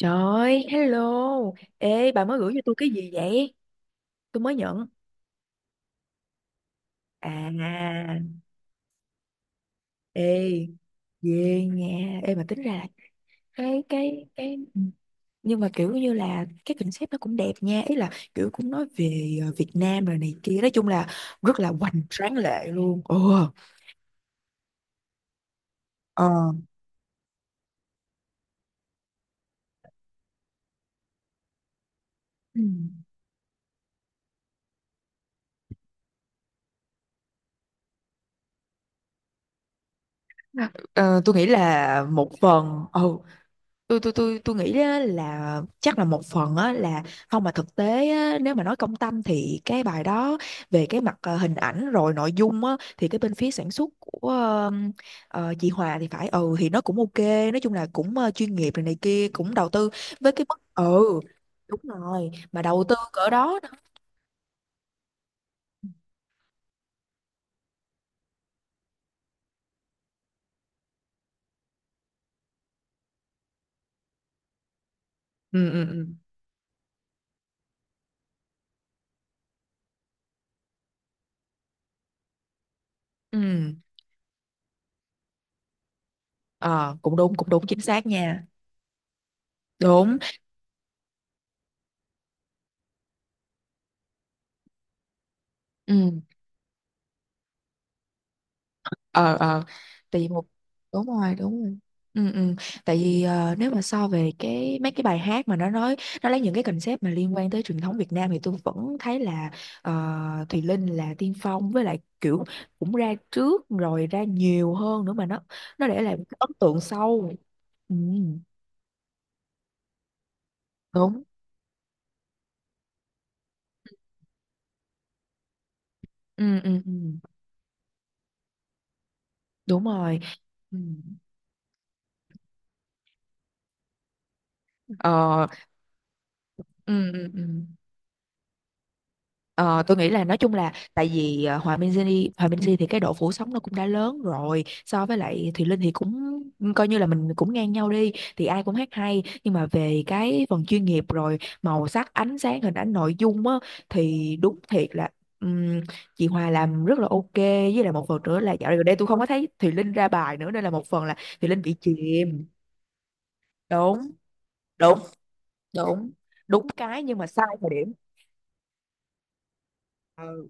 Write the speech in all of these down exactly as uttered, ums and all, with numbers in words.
Trời ơi, hello. Ê, bà mới gửi cho tôi cái gì vậy? Tôi mới nhận. À, ê, về nha. Ê, mà tính ra là cái, cái, cái... Nhưng mà kiểu như là cái concept nó cũng đẹp nha. Ý là kiểu cũng nói về ờ, Việt Nam rồi này kia. Nói chung là rất là hoành tráng lệ luôn. Ồ, ờ. Ừ. Ờ, tôi nghĩ là một phần. Ừ, tôi tôi tôi tôi nghĩ á, là chắc là một phần á, là không mà thực tế á, nếu mà nói công tâm thì cái bài đó về cái mặt ờ, hình ảnh rồi nội dung á, thì cái bên phía sản xuất của ờ, ờ, chị Hòa thì phải ừ thì nó cũng ok, nói chung là cũng ờ, chuyên nghiệp này này kia cũng đầu tư với cái mức ừ đúng rồi, mà đầu tư cỡ đó đó. Ừ, ừ, ừ, ừ, ờ, cũng đúng cũng đúng chính xác nha. Đúng. Ừ, ờ, ờ, tại vì một. Đúng rồi, đúng rồi. Ừ, ừ, tại vì ờ, nếu mà so về cái mấy cái bài hát mà nó nói, nó lấy những cái concept mà liên quan tới truyền thống Việt Nam, thì tôi vẫn thấy là ờ, Thùy Linh là tiên phong, với lại kiểu cũng ra trước rồi ra nhiều hơn nữa mà nó nó để lại một cái ấn tượng sâu. Ừ, đúng, ừ, ừ, ừ, đúng rồi, ừ. Ờ, ừ, ừ, ừ. Ờ, tôi nghĩ là nói chung là tại vì ờ, Hòa Minzy, Di Hòa Minzy thì cái độ phủ sóng nó cũng đã lớn rồi, so với lại Thùy Linh thì cũng coi như là mình cũng ngang nhau đi, thì ai cũng hát hay, nhưng mà về cái phần chuyên nghiệp rồi màu sắc, ánh sáng, hình ảnh, nội dung á, thì đúng thiệt là, ừm, chị Hòa làm rất là ok. Với lại một phần nữa là dạo gần đây tôi không có thấy Thùy Linh ra bài nữa, nên là một phần là Thùy Linh bị chìm. Đúng, đúng, đúng, đúng cái nhưng mà sai thời điểm. Ừ.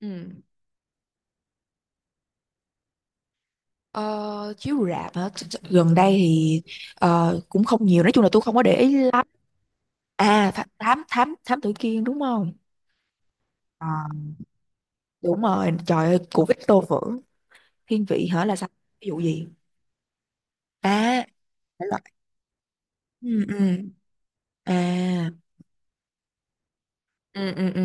Ừ. Ờ, chiếu rạp hả? Ch- ch- Gần đây thì ờ, cũng không nhiều. Nói chung là tôi không có để ý lắm. À, Tha- thám thám thám tử Kiên đúng không? Ờ, đúng rồi. Trời ơi, của Victor Vũ. Thiên vị hả là sao? Ví dụ gì? À, thể loại, ừ, ừ. À. Ừ, ừ, ừ.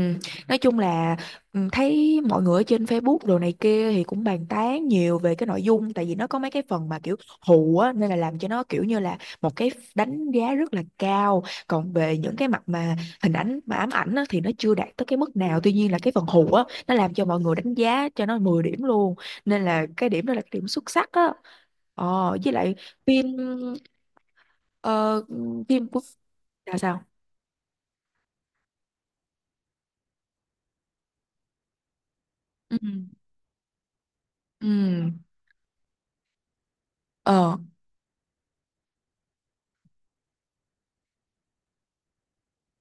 Nói chung là ừ, thấy mọi người ở trên Facebook đồ này kia thì cũng bàn tán nhiều về cái nội dung, tại vì nó có mấy cái phần mà kiểu hù á, nên là làm cho nó kiểu như là một cái đánh giá rất là cao. Còn về những cái mặt mà hình ảnh mà ám ảnh á, thì nó chưa đạt tới cái mức nào, tuy nhiên là cái phần hù á nó làm cho mọi người đánh giá cho nó mười điểm luôn, nên là cái điểm đó là cái điểm xuất sắc á. Ờ, với lại phim, ờ, phim của. Là sao? Ừ. Ừ. Ờ,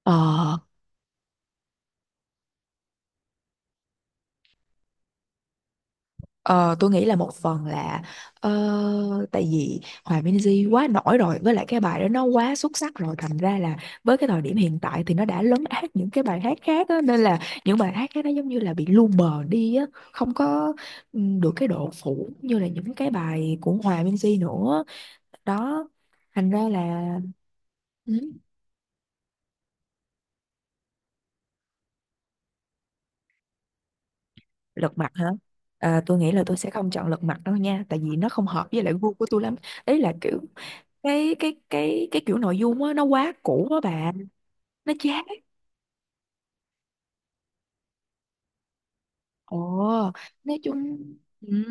ờ. Ờ, tôi nghĩ là một phần là ờ, tại vì Hòa Minzy quá nổi rồi, với lại cái bài đó nó quá xuất sắc rồi, thành ra là với cái thời điểm hiện tại thì nó đã lấn át những cái bài hát khác á, nên là những bài hát khác nó giống như là bị lu mờ đi á, không có ừ, được cái độ phủ như là những cái bài của Hòa Minzy nữa. Đó thành ra là ừ. Lật mặt hả? À, tôi nghĩ là tôi sẽ không chọn lật mặt đâu nha, tại vì nó không hợp với lại gu của tôi lắm. Ý là kiểu cái cái cái cái kiểu nội dung á nó quá cũ á bạn, nó chát. Ồ, nói chung ừ,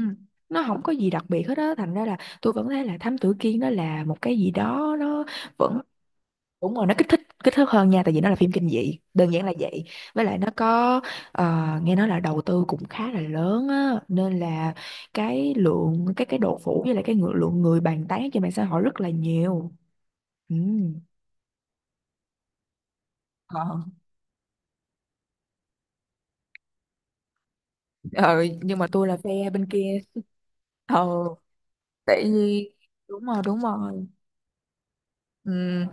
nó không có gì đặc biệt hết á, thành ra là tôi vẫn thấy là Thám Tử Kiên nó là một cái gì đó nó vẫn. Đúng rồi, nó kích thích, kích thước hơn nha, tại vì nó là phim kinh dị, đơn giản là vậy. Với lại nó có ờ, nghe nói là đầu tư cũng khá là lớn á, nên là cái lượng, cái cái độ phủ với lại cái ngự- lượng người bàn tán trên mạng xã hội rất là nhiều. Ừ. Ờ. Ờ, nhưng mà tôi là phe bên kia. Ờ, tại vì đúng rồi, đúng rồi. Ừm,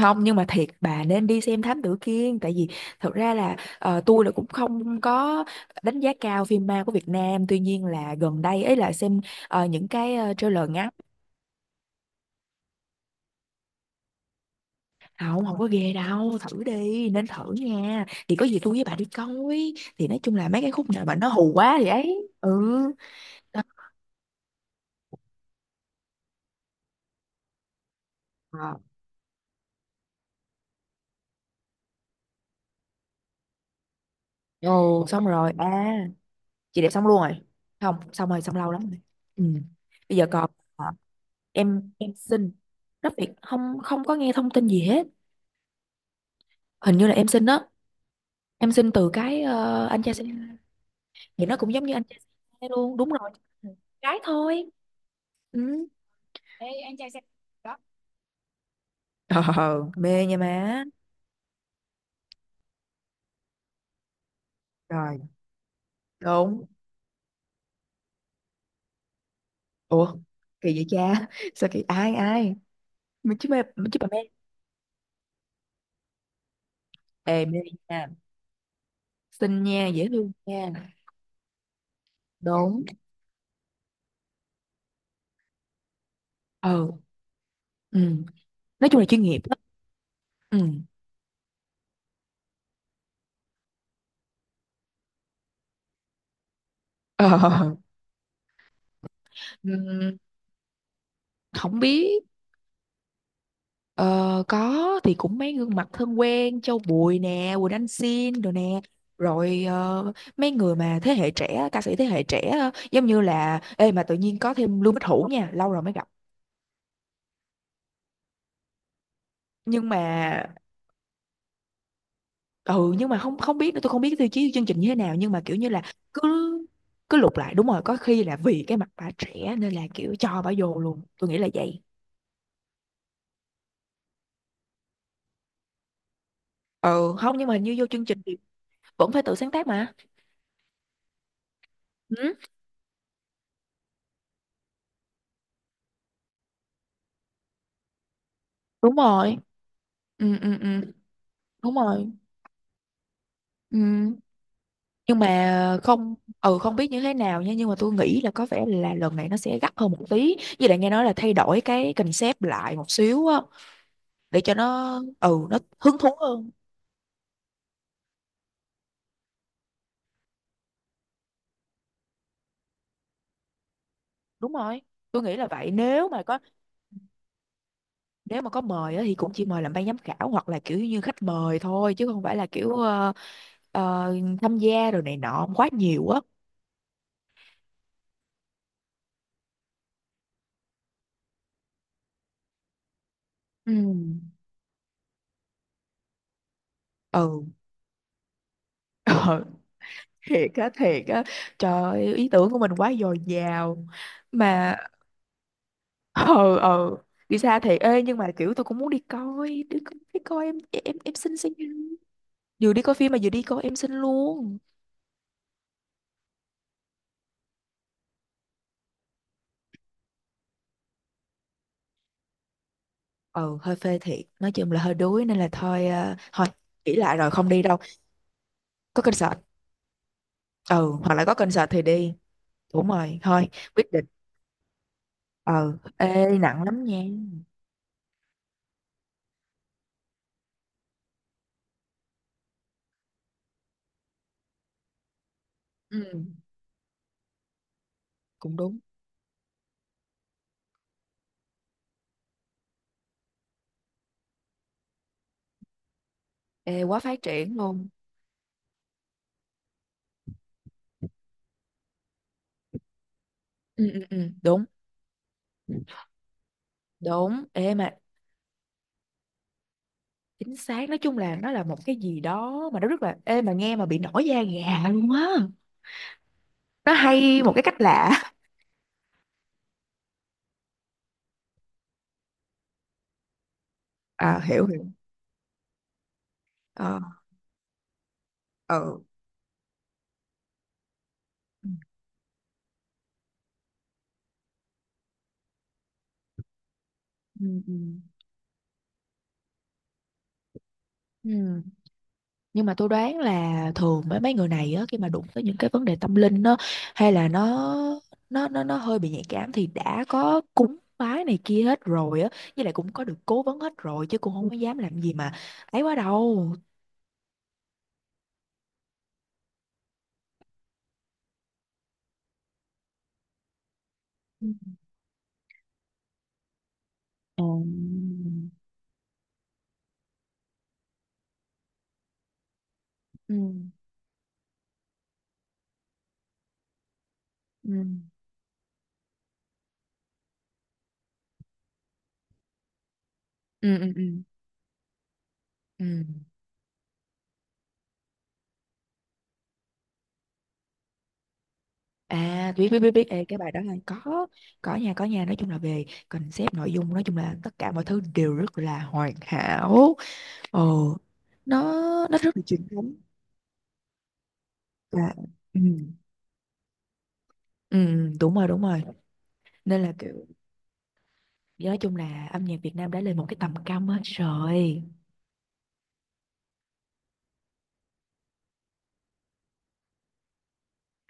không, nhưng mà thiệt, bà nên đi xem Thám Tử Kiên. Tại vì thật ra là ờ, tôi là cũng không có đánh giá cao phim ma của Việt Nam, tuy nhiên là gần đây ấy là xem ờ, những cái ờ, trailer ngắn. À, không, không có ghê đâu, thử đi, nên thử nha, thì có gì tôi với bà đi coi, thì nói chung là mấy cái khúc nào mà nó hù quá thì ấy, ừ. Đó. Ờ. Ồ, xong rồi à. Chị đẹp xong luôn rồi, không, xong rồi, xong lâu lắm rồi. Ừ. Bây giờ còn, à, em em xin, rất việc không, không có nghe thông tin gì hết. Hình như là em xin đó. Em xin từ cái ờ, anh cha xe. Thì nó cũng giống như anh cha xe luôn, đúng rồi, cái thôi. Ừ. Ờ, mê nha má. Rồi, đúng. Ủa kỳ vậy cha sao kỳ, ai, ai, mình chứ, mê mình chứ bà mê. Ê, mê nha, xinh nha, dễ thương nha. Đúng, ừ, ừ, nói chung là chuyên nghiệp đó. Ừ. Ờ, ừm, không biết. Ờ, có thì cũng mấy gương mặt thân quen, Châu Bùi nè, Quỳnh Anh Xin rồi nè. Rồi ờ, mấy người mà thế hệ trẻ, ca sĩ thế hệ trẻ, ờ, giống như là ê mà tự nhiên có thêm Lưu Bích Hữu nha, lâu rồi mới gặp. Nhưng mà ừ, nhưng mà không, không biết nữa, tôi không biết tiêu chí chương trình như thế nào, nhưng mà kiểu như là cứ, cứ lục lại. Đúng rồi, có khi là vì cái mặt bà trẻ nên là kiểu cho bà vô luôn, tôi nghĩ là vậy. Ừ, không, nhưng mà như vô chương trình thì vẫn phải tự sáng tác mà. Ừ, đúng rồi. Ừ, ừ, ừ, đúng rồi. Ừ. Nhưng mà không, ừ, không biết như thế nào nha, nhưng mà tôi nghĩ là có vẻ là lần này nó sẽ gắt hơn một tí, với lại nghe nói là thay đổi cái concept lại một xíu á, để cho nó ừ nó hứng thú hơn. Đúng rồi, tôi nghĩ là vậy nếu mà có. Nếu mà có mời á, thì cũng chỉ mời làm ban giám khảo, hoặc là kiểu như khách mời thôi, chứ không phải là kiểu ờ, ờ, tham gia rồi này nọ quá nhiều á. Ừ. Ừ. Thiệt á, thiệt á. Trời ơi, ý tưởng của mình quá dồi dào. Mà, ờ, ờ, đi xa thiệt. Ê, nhưng mà kiểu tôi cũng muốn đi coi, đi coi, đi coi em em em xin xin. Vừa đi coi phim mà vừa đi coi em xin luôn. Ừ, hơi phê thiệt, nói chung là hơi đuối, nên là thôi, ờ, thôi nghĩ lại rồi không đi đâu. Có concert. Ừ, hoặc là có concert thì đi. Đúng rồi thôi, quyết định. Ừ, ê nặng lắm nha. Ừ, cũng đúng. Ê, quá phát triển luôn. Ừ, ừ, ừ, đúng, đúng. Ê mà chính xác, nói chung là nó là một cái gì đó mà nó rất là ê mà nghe mà bị nổi da gà luôn á. Nó hay một cái cách lạ. À, hiểu, hiểu. Ờ. Ừ. Ừ. Ừ. Ừ. Ừ. Nhưng mà tôi đoán là thường mấy mấy người này á, khi mà đụng tới những cái vấn đề tâm linh á, hay là nó nó nó nó hơi bị nhạy cảm, thì đã có cúng bái này kia hết rồi á, với lại cũng có được cố vấn hết rồi, chứ cũng không có dám làm gì mà ấy quá đâu. Ừ. Ừ. Ừ. Ừ. Ừ. Ừ. Ừ. À, biết, biết, biết, biết. Ê, cái bài đó là có có nhà, có nhà, nói chung là về concept, nội dung, nói chung là tất cả mọi thứ đều rất là hoàn hảo. Ồ, nó nó rất là truyền thống và ừ. Ừ, đúng rồi, đúng rồi, nên là kiểu nói chung là âm nhạc Việt Nam đã lên một cái tầm cao mới rồi.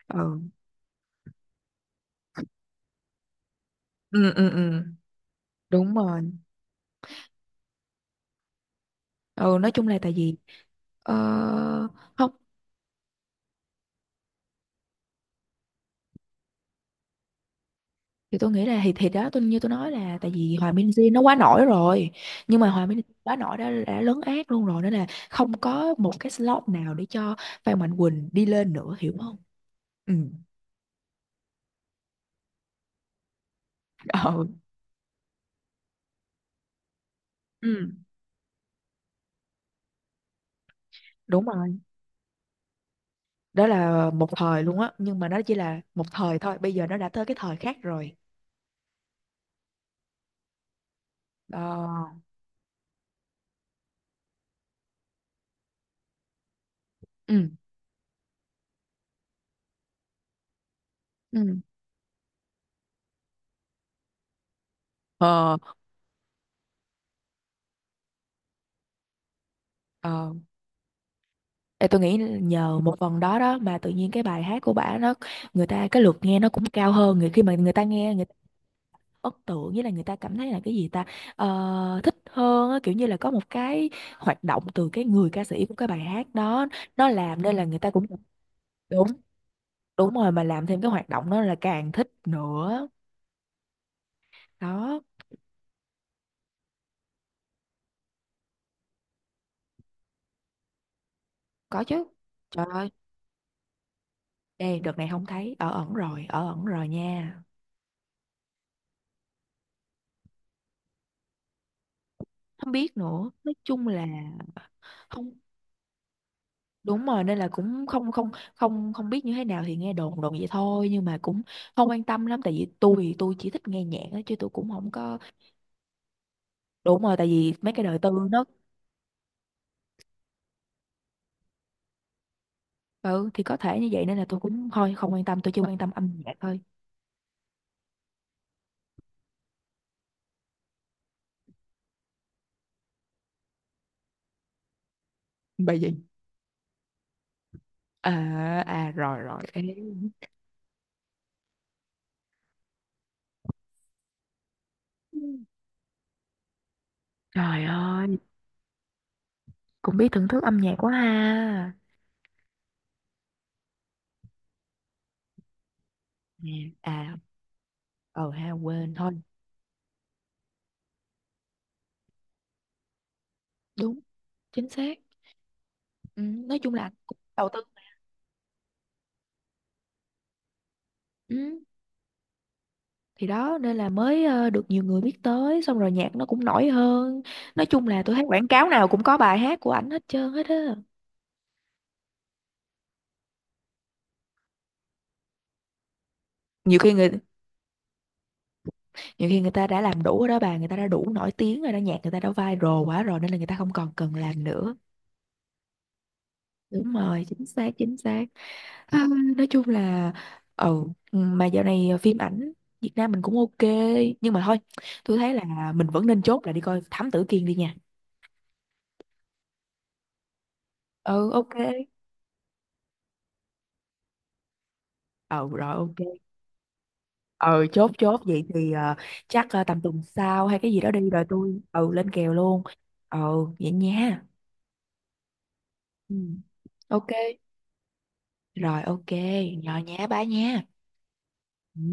Ừ. Ừ, ừ, ừ. Đúng rồi, ừ, nói chung là tại vì ờ, không, thì tôi nghĩ là thì thì đó, tôi như tôi nói, là tại vì Hòa Minzy nó quá nổi rồi, nhưng mà Hòa Minzy quá nổi đã đã lấn át luôn rồi, nên là không có một cái slot nào để cho Phan Mạnh Quỳnh đi lên nữa, hiểu không. Ừ. Ờ. Ừ. Đúng rồi, đó là một thời luôn á, nhưng mà nó chỉ là một thời thôi, bây giờ nó đã tới cái thời khác rồi. Ờ, ừ, ừ, ờ, ờ. Ê, tôi nghĩ nhờ một phần đó đó mà tự nhiên cái bài hát của bả nó, người ta cái lượt nghe nó cũng cao hơn, người khi mà người ta nghe, người ấn tượng nghĩa là người ta cảm thấy là cái gì ta. Ờ, thích hơn á, kiểu như là có một cái hoạt động từ cái người ca sĩ của cái bài hát đó, nó làm nên là người ta cũng đúng. Đúng rồi, mà làm thêm cái hoạt động đó là càng thích nữa. Đó. Có chứ. Trời ơi, đây đợt này không thấy, ở ẩn rồi, ở ẩn rồi nha. Không biết nữa, nói chung là không, đúng rồi, nên là cũng không không không không biết như thế nào, thì nghe đồn, đồn vậy thôi, nhưng mà cũng không quan tâm lắm, tại vì tôi tôi chỉ thích nghe nhạc đó, chứ tôi cũng không có. Đúng rồi, tại vì mấy cái đời tư nó ừ, thì có thể như vậy, nên là tôi cũng thôi không quan tâm, tôi chỉ quan tâm âm nhạc thôi. Bài gì? À, à, rồi, rồi. Ê, trời ơi, cũng biết thưởng thức âm nhạc quá ha. Ừ. À, ờ ha, quên thôi. Đúng, chính xác. Ừ, nói chung là cũng đầu tư. Ừ. Thì đó, nên là mới ờ, được nhiều người biết tới, xong rồi nhạc nó cũng nổi hơn. Nói chung là tôi thấy quảng cáo nào cũng có bài hát của ảnh hết trơn hết á. nhiều khi người Nhiều khi người ta đã làm đủ rồi đó bà, người ta đã đủ nổi tiếng rồi đó, nhạc người ta đã viral quá rồi, nên là người ta không còn cần làm nữa. Đúng rồi, chính xác, chính xác. À, nói chung là, ờ, ừ, mà dạo này phim ảnh Việt Nam mình cũng ok, nhưng mà thôi, tôi thấy là mình vẫn nên chốt là đi coi Thám Tử Kiên đi nha. Ừ, ok. Ừ, rồi ok. Ừ, chốt, chốt vậy thì, ờ, chắc, ờ, tầm tuần sau hay cái gì đó đi, rồi tôi ừ lên kèo luôn. Ừ, vậy nha. Ừ, ok, rồi ok. Rồi nhé, bye nha. Ừ.